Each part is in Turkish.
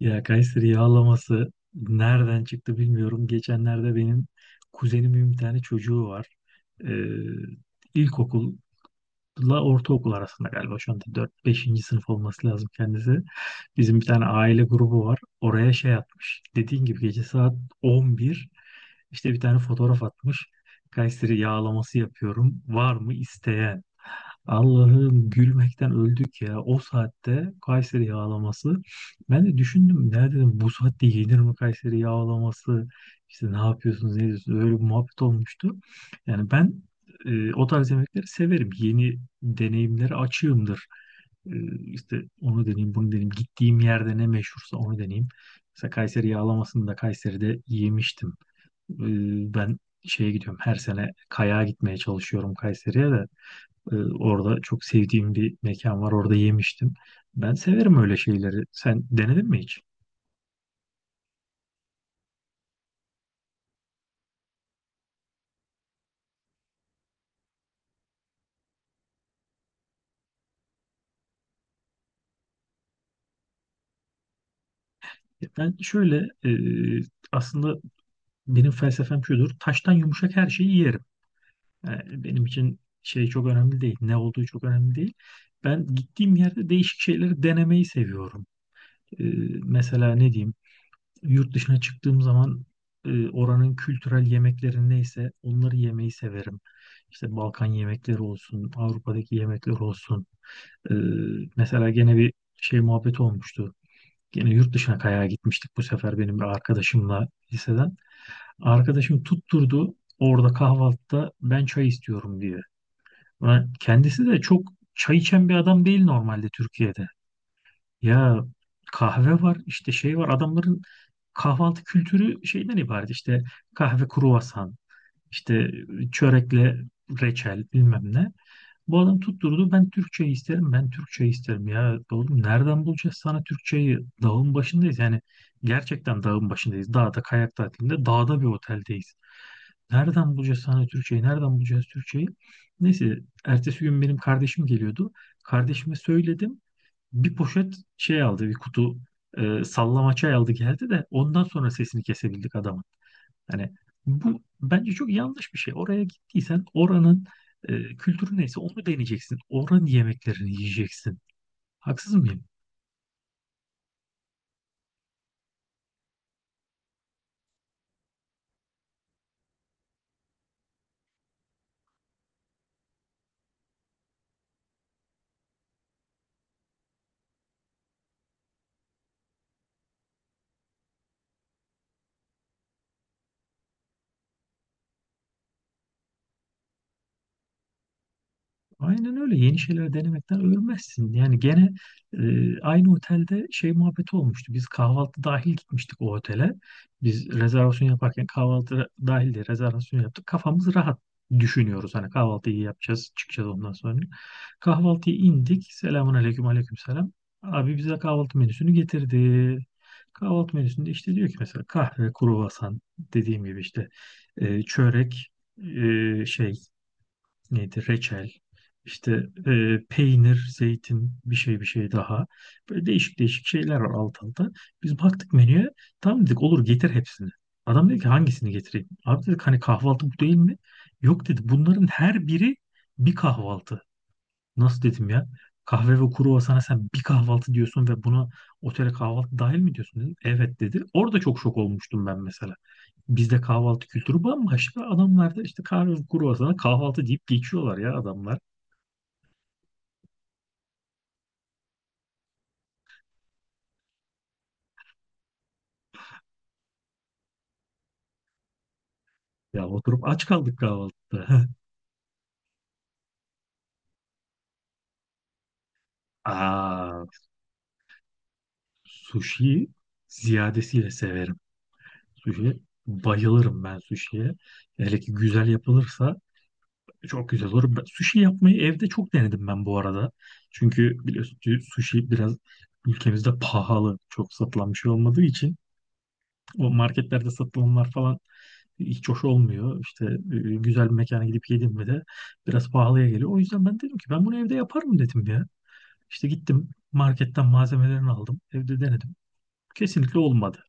Ya Kayseri yağlaması nereden çıktı bilmiyorum. Geçenlerde benim kuzenimin bir tane çocuğu var. Ee, ilkokulla ortaokul arasında galiba şu anda 4-5. Sınıf olması lazım kendisi. Bizim bir tane aile grubu var. Oraya şey atmış. Dediğin gibi gece saat 11 işte bir tane fotoğraf atmış. Kayseri yağlaması yapıyorum. Var mı isteyen? Allah'ım gülmekten öldük ya. O saatte Kayseri yağlaması. Ben de düşündüm. Ne dedim bu saatte yenir mi Kayseri yağlaması? İşte ne yapıyorsunuz ne diyorsunuz? Öyle bir muhabbet olmuştu. Yani ben o tarz yemekleri severim. Yeni deneyimlere açığımdır. E, işte onu deneyeyim bunu deneyeyim. Gittiğim yerde ne meşhursa onu deneyeyim. Mesela Kayseri yağlamasını da Kayseri'de yemiştim. E, ben şeye gidiyorum her sene kayağa gitmeye çalışıyorum Kayseri'ye de. Orada çok sevdiğim bir mekan var. Orada yemiştim. Ben severim öyle şeyleri. Sen denedin mi hiç? Ben şöyle aslında benim felsefem şudur. Taştan yumuşak her şeyi yerim. Yani benim için şey çok önemli değil. Ne olduğu çok önemli değil. Ben gittiğim yerde değişik şeyleri denemeyi seviyorum. Ee, mesela ne diyeyim? Yurt dışına çıktığım zaman oranın kültürel yemekleri neyse onları yemeyi severim. İşte Balkan yemekleri olsun, Avrupa'daki yemekler olsun. Ee, mesela gene bir şey muhabbeti olmuştu. Gene yurt dışına kayağa gitmiştik bu sefer benim bir arkadaşımla liseden. Arkadaşım tutturdu orada kahvaltıda ben çay istiyorum diye. Ulan kendisi de çok çay içen bir adam değil normalde Türkiye'de. Ya kahve var işte şey var adamların kahvaltı kültürü şeyden ibaret işte kahve kruvasan işte çörekle reçel bilmem ne. Bu adam tutturdu ben Türkçe isterim ben Türkçe isterim ya oğlum nereden bulacağız sana Türkçeyi dağın başındayız yani gerçekten dağın başındayız dağda kayak tatilinde dağda bir oteldeyiz nereden bulacağız sana Türkçeyi nereden bulacağız Türkçeyi neyse ertesi gün benim kardeşim geliyordu kardeşime söyledim bir poşet şey aldı bir kutu sallama çay aldı geldi de ondan sonra sesini kesebildik adamın. Hani bu bence çok yanlış bir şey. Oraya gittiysen oranın kültürü neyse onu deneyeceksin. Oranın yemeklerini yiyeceksin. Haksız mıyım? Aynen öyle. Yeni şeyler denemekten ölmezsin. Yani gene aynı otelde şey muhabbeti olmuştu. Biz kahvaltı dahil gitmiştik o otele. Biz rezervasyon yaparken kahvaltı dahil de rezervasyon yaptık. Kafamız rahat düşünüyoruz. Hani kahvaltıyı yapacağız, çıkacağız ondan sonra. Kahvaltıya indik. Selamun aleyküm, aleyküm selam. Abi bize kahvaltı menüsünü getirdi. Kahvaltı menüsünde işte diyor ki mesela kahve, kruvasan dediğim gibi işte çörek, şey neydi reçel işte peynir zeytin bir şey bir şey daha böyle değişik değişik şeyler var alt alta biz baktık menüye tamam dedik olur getir hepsini adam dedi ki hangisini getireyim abi dedik hani kahvaltı bu değil mi yok dedi bunların her biri bir kahvaltı. Nasıl dedim ya? Kahve ve kruvasana sen bir kahvaltı diyorsun ve buna otele kahvaltı dahil mi diyorsun dedim. Evet dedi. Orada çok şok olmuştum ben mesela. Bizde kahvaltı kültürü bambaşka. Adamlarda işte kahve ve kruvasana kahvaltı deyip geçiyorlar ya adamlar. Ya oturup aç kaldık kahvaltıda. Aa, sushi ziyadesiyle severim. Sushi bayılırım ben sushi'ye. Hele ki güzel yapılırsa çok güzel olur. Ben- sushi yapmayı evde çok denedim ben bu arada. Çünkü biliyorsun ki sushi biraz ülkemizde pahalı. Çok satılan bir şey olmadığı için o marketlerde satılanlar falan hiç hoş olmuyor. İşte güzel bir mekana gidip yedim mi de biraz pahalıya geliyor. O yüzden ben dedim ki ben bunu evde yaparım dedim ya. İşte gittim marketten malzemelerini aldım. Evde denedim. Kesinlikle olmadı.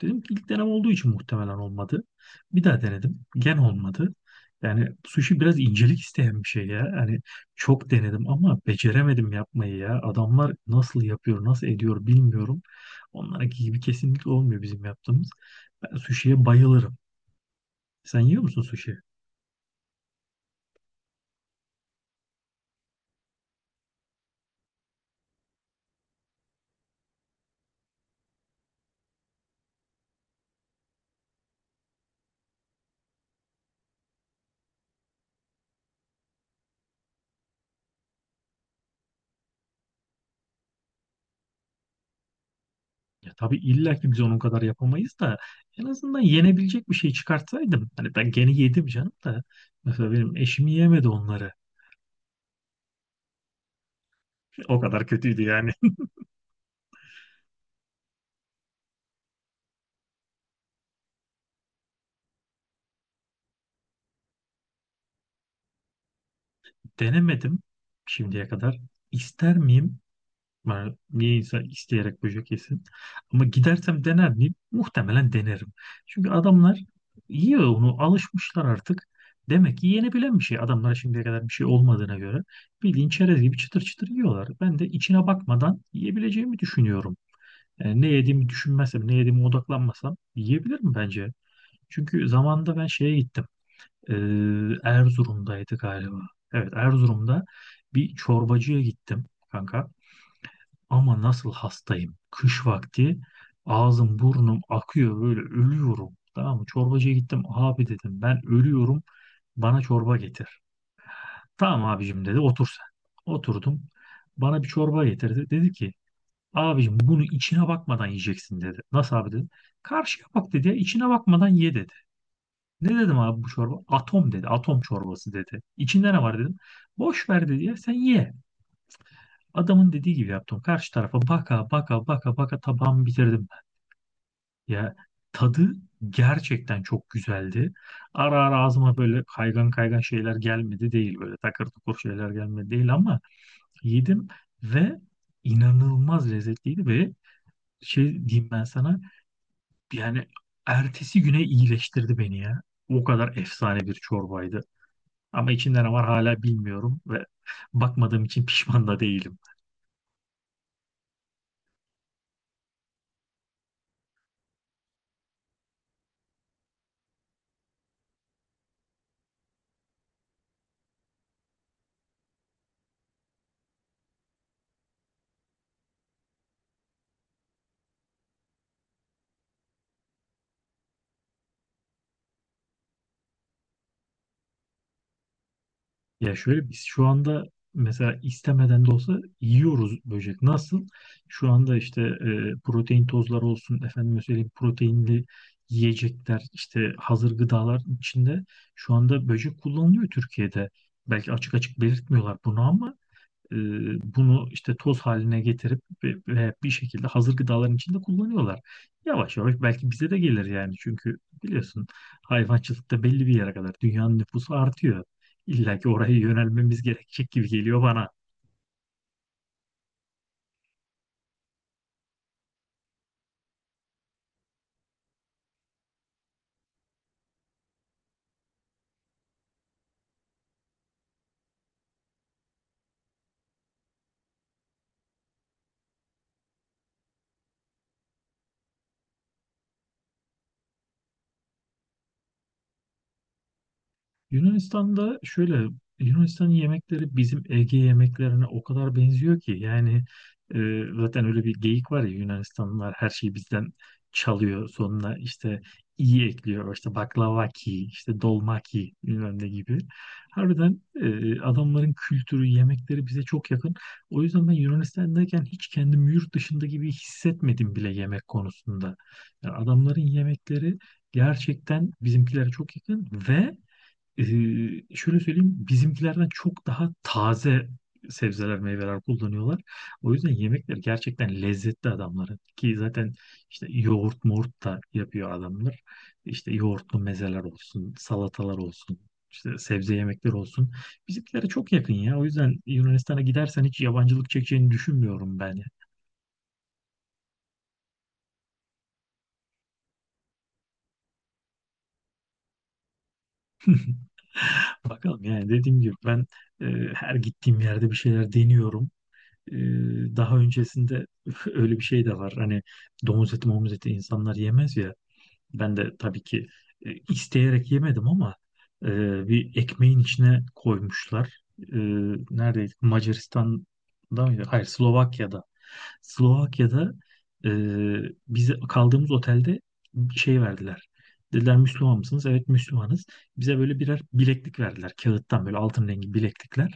Dedim ki ilk denem olduğu için muhtemelen olmadı. Bir daha denedim. Olmadı. Yani sushi biraz incelik isteyen bir şey ya. Hani çok denedim ama beceremedim yapmayı ya. Adamlar nasıl yapıyor, nasıl ediyor bilmiyorum. Onlarınki gibi kesinlikle olmuyor bizim yaptığımız. Ben sushi'ye bayılırım. Sen yiyor musun sushi? Ya tabii illa ki biz onun kadar yapamayız da en azından yenebilecek bir şey çıkartsaydım. Hani ben gene yedim canım da. Mesela benim eşim yemedi onları. O kadar kötüydü yani. Denemedim şimdiye kadar. İster miyim? Yani niye insan isteyerek böcek yesin? Ama gidersem dener miyim? Muhtemelen denerim. Çünkü adamlar yiyor onu alışmışlar artık. Demek ki yenebilen bir şey. Adamlara şimdiye kadar bir şey olmadığına göre bildiğin çerez gibi çıtır çıtır yiyorlar. Ben de içine bakmadan yiyebileceğimi düşünüyorum. Ne yediğimi düşünmezsem, ne yediğime odaklanmasam yiyebilirim bence. Çünkü zamanında ben şeye gittim. E, Erzurum'daydı galiba. Evet, Erzurum'da bir çorbacıya gittim kanka. Ama nasıl hastayım. Kış vakti ağzım burnum akıyor böyle ölüyorum. Tamam mı? Çorbacıya gittim. Abi dedim ben ölüyorum. Bana çorba getir. Tamam abicim dedi, otur sen. Oturdum. Bana bir çorba getirdi. Dedi ki abicim bunu içine bakmadan yiyeceksin dedi. Nasıl abi dedim. Karşıya bak dedi. Ya, içine bakmadan ye dedi. Ne dedim abi bu çorba? Atom dedi. Atom çorbası dedi. İçinde ne var dedim. Boş ver dedi ya sen ye. Adamın dediği gibi yaptım. Karşı tarafa baka baka baka baka tabağımı bitirdim ben. Ya tadı gerçekten çok güzeldi. Ara ara ağzıma böyle kaygan kaygan şeyler gelmedi değil. Böyle takır tukur şeyler gelmedi değil ama yedim ve inanılmaz lezzetliydi ve şey diyeyim ben sana. Yani ertesi güne iyileştirdi beni ya. O kadar efsane bir çorbaydı. Ama içinde ne var hala bilmiyorum ve bakmadığım için pişman da değilim. Ya şöyle biz şu anda mesela istemeden de olsa yiyoruz böcek. Nasıl? Şu anda işte protein tozları olsun, efendim söyleyeyim proteinli yiyecekler, işte hazır gıdalar içinde şu anda böcek kullanılıyor Türkiye'de. Belki açık açık belirtmiyorlar bunu ama E, bunu işte toz haline getirip ve bir şekilde hazır gıdaların içinde kullanıyorlar. Yavaş yavaş belki bize de gelir yani çünkü biliyorsun hayvancılıkta belli bir yere kadar dünyanın nüfusu artıyor. İlla ki oraya yönelmemiz gerekecek gibi geliyor bana. Yunanistan'da şöyle Yunanistan'ın yemekleri bizim Ege yemeklerine o kadar benziyor ki yani zaten öyle bir geyik var ya Yunanistanlılar her şeyi bizden çalıyor sonuna işte iyi ekliyor işte baklavaki işte dolmaki bilmem ne gibi. Harbiden adamların kültürü yemekleri bize çok yakın. O yüzden ben Yunanistan'dayken hiç kendimi yurt dışında gibi hissetmedim bile yemek konusunda. Yani adamların yemekleri gerçekten bizimkilere çok yakın ve ee, şöyle söyleyeyim, bizimkilerden çok daha taze sebzeler, meyveler kullanıyorlar. O yüzden yemekleri gerçekten lezzetli adamların. Ki zaten işte yoğurt moğurt da yapıyor adamlar. İşte yoğurtlu mezeler olsun, salatalar olsun, işte sebze yemekleri olsun. Bizimkilere çok yakın ya. O yüzden Yunanistan'a gidersen hiç yabancılık çekeceğini düşünmüyorum ben. Bakalım yani dediğim gibi ben e, her gittiğim yerde bir şeyler deniyorum. Ee, daha öncesinde öyle bir şey de var. Hani domuz eti, momuz eti insanlar yemez ya. Ben de tabii ki isteyerek yemedim ama e, bir ekmeğin içine koymuşlar. E, neredeydi? Macaristan'da mıydı? Hayır, Slovakya'da. Slovakya'da e, bize kaldığımız otelde şey verdiler. Dediler Müslüman mısınız? Evet Müslümanız. Bize böyle birer bileklik verdiler. Kağıttan böyle altın rengi bileklikler.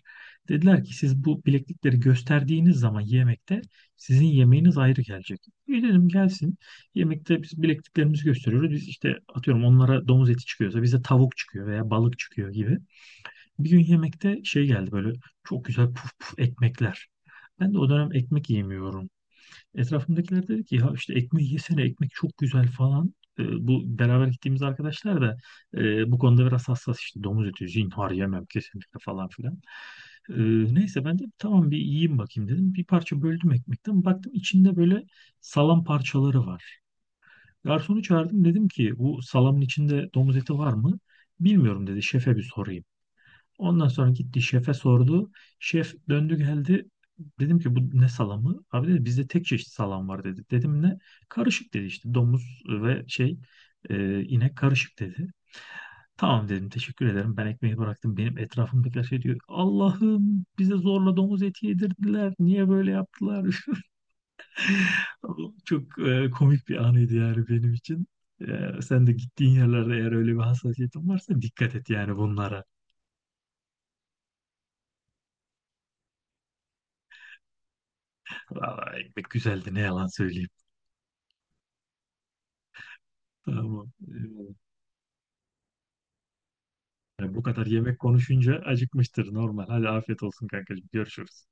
Dediler ki siz bu bileklikleri gösterdiğiniz zaman yemekte sizin yemeğiniz ayrı gelecek. İyi dedim gelsin. Yemekte biz bilekliklerimizi gösteriyoruz. Biz işte atıyorum onlara domuz eti çıkıyorsa bize tavuk çıkıyor veya balık çıkıyor gibi. Bir gün yemekte şey geldi böyle çok güzel puf puf ekmekler. Ben de o dönem ekmek yemiyorum. Etrafımdakiler dedi ki ya işte ekmeği yesene ekmek çok güzel falan. Bu beraber gittiğimiz arkadaşlar da bu konuda biraz hassas işte domuz eti zinhar yemem kesinlikle falan filan. Ee, neyse ben de tamam bir yiyeyim bakayım dedim. Bir parça böldüm ekmekten baktım içinde böyle salam parçaları var. Garsonu çağırdım dedim ki bu salamın içinde domuz eti var mı? Bilmiyorum dedi şefe bir sorayım. Ondan sonra gitti şefe sordu. Şef döndü geldi. Dedim ki bu ne salamı? Abi dedi bizde tek çeşit salam var dedi. Dedim ne? Karışık dedi işte domuz ve şey inek karışık dedi. Tamam dedim teşekkür ederim ben ekmeği bıraktım. Benim etrafımdakiler şey diyor. Allah'ım bize zorla domuz eti yedirdiler. Niye böyle yaptılar? Çok komik bir anıydı yani benim için. Sen de gittiğin yerlerde eğer öyle bir hassasiyetin varsa dikkat et yani bunlara. Valla ekmek güzeldi ne yalan söyleyeyim. Tamam. Eyvallah. Ya bu kadar yemek konuşunca acıkmıştır normal. Hadi afiyet olsun kankacığım. Görüşürüz.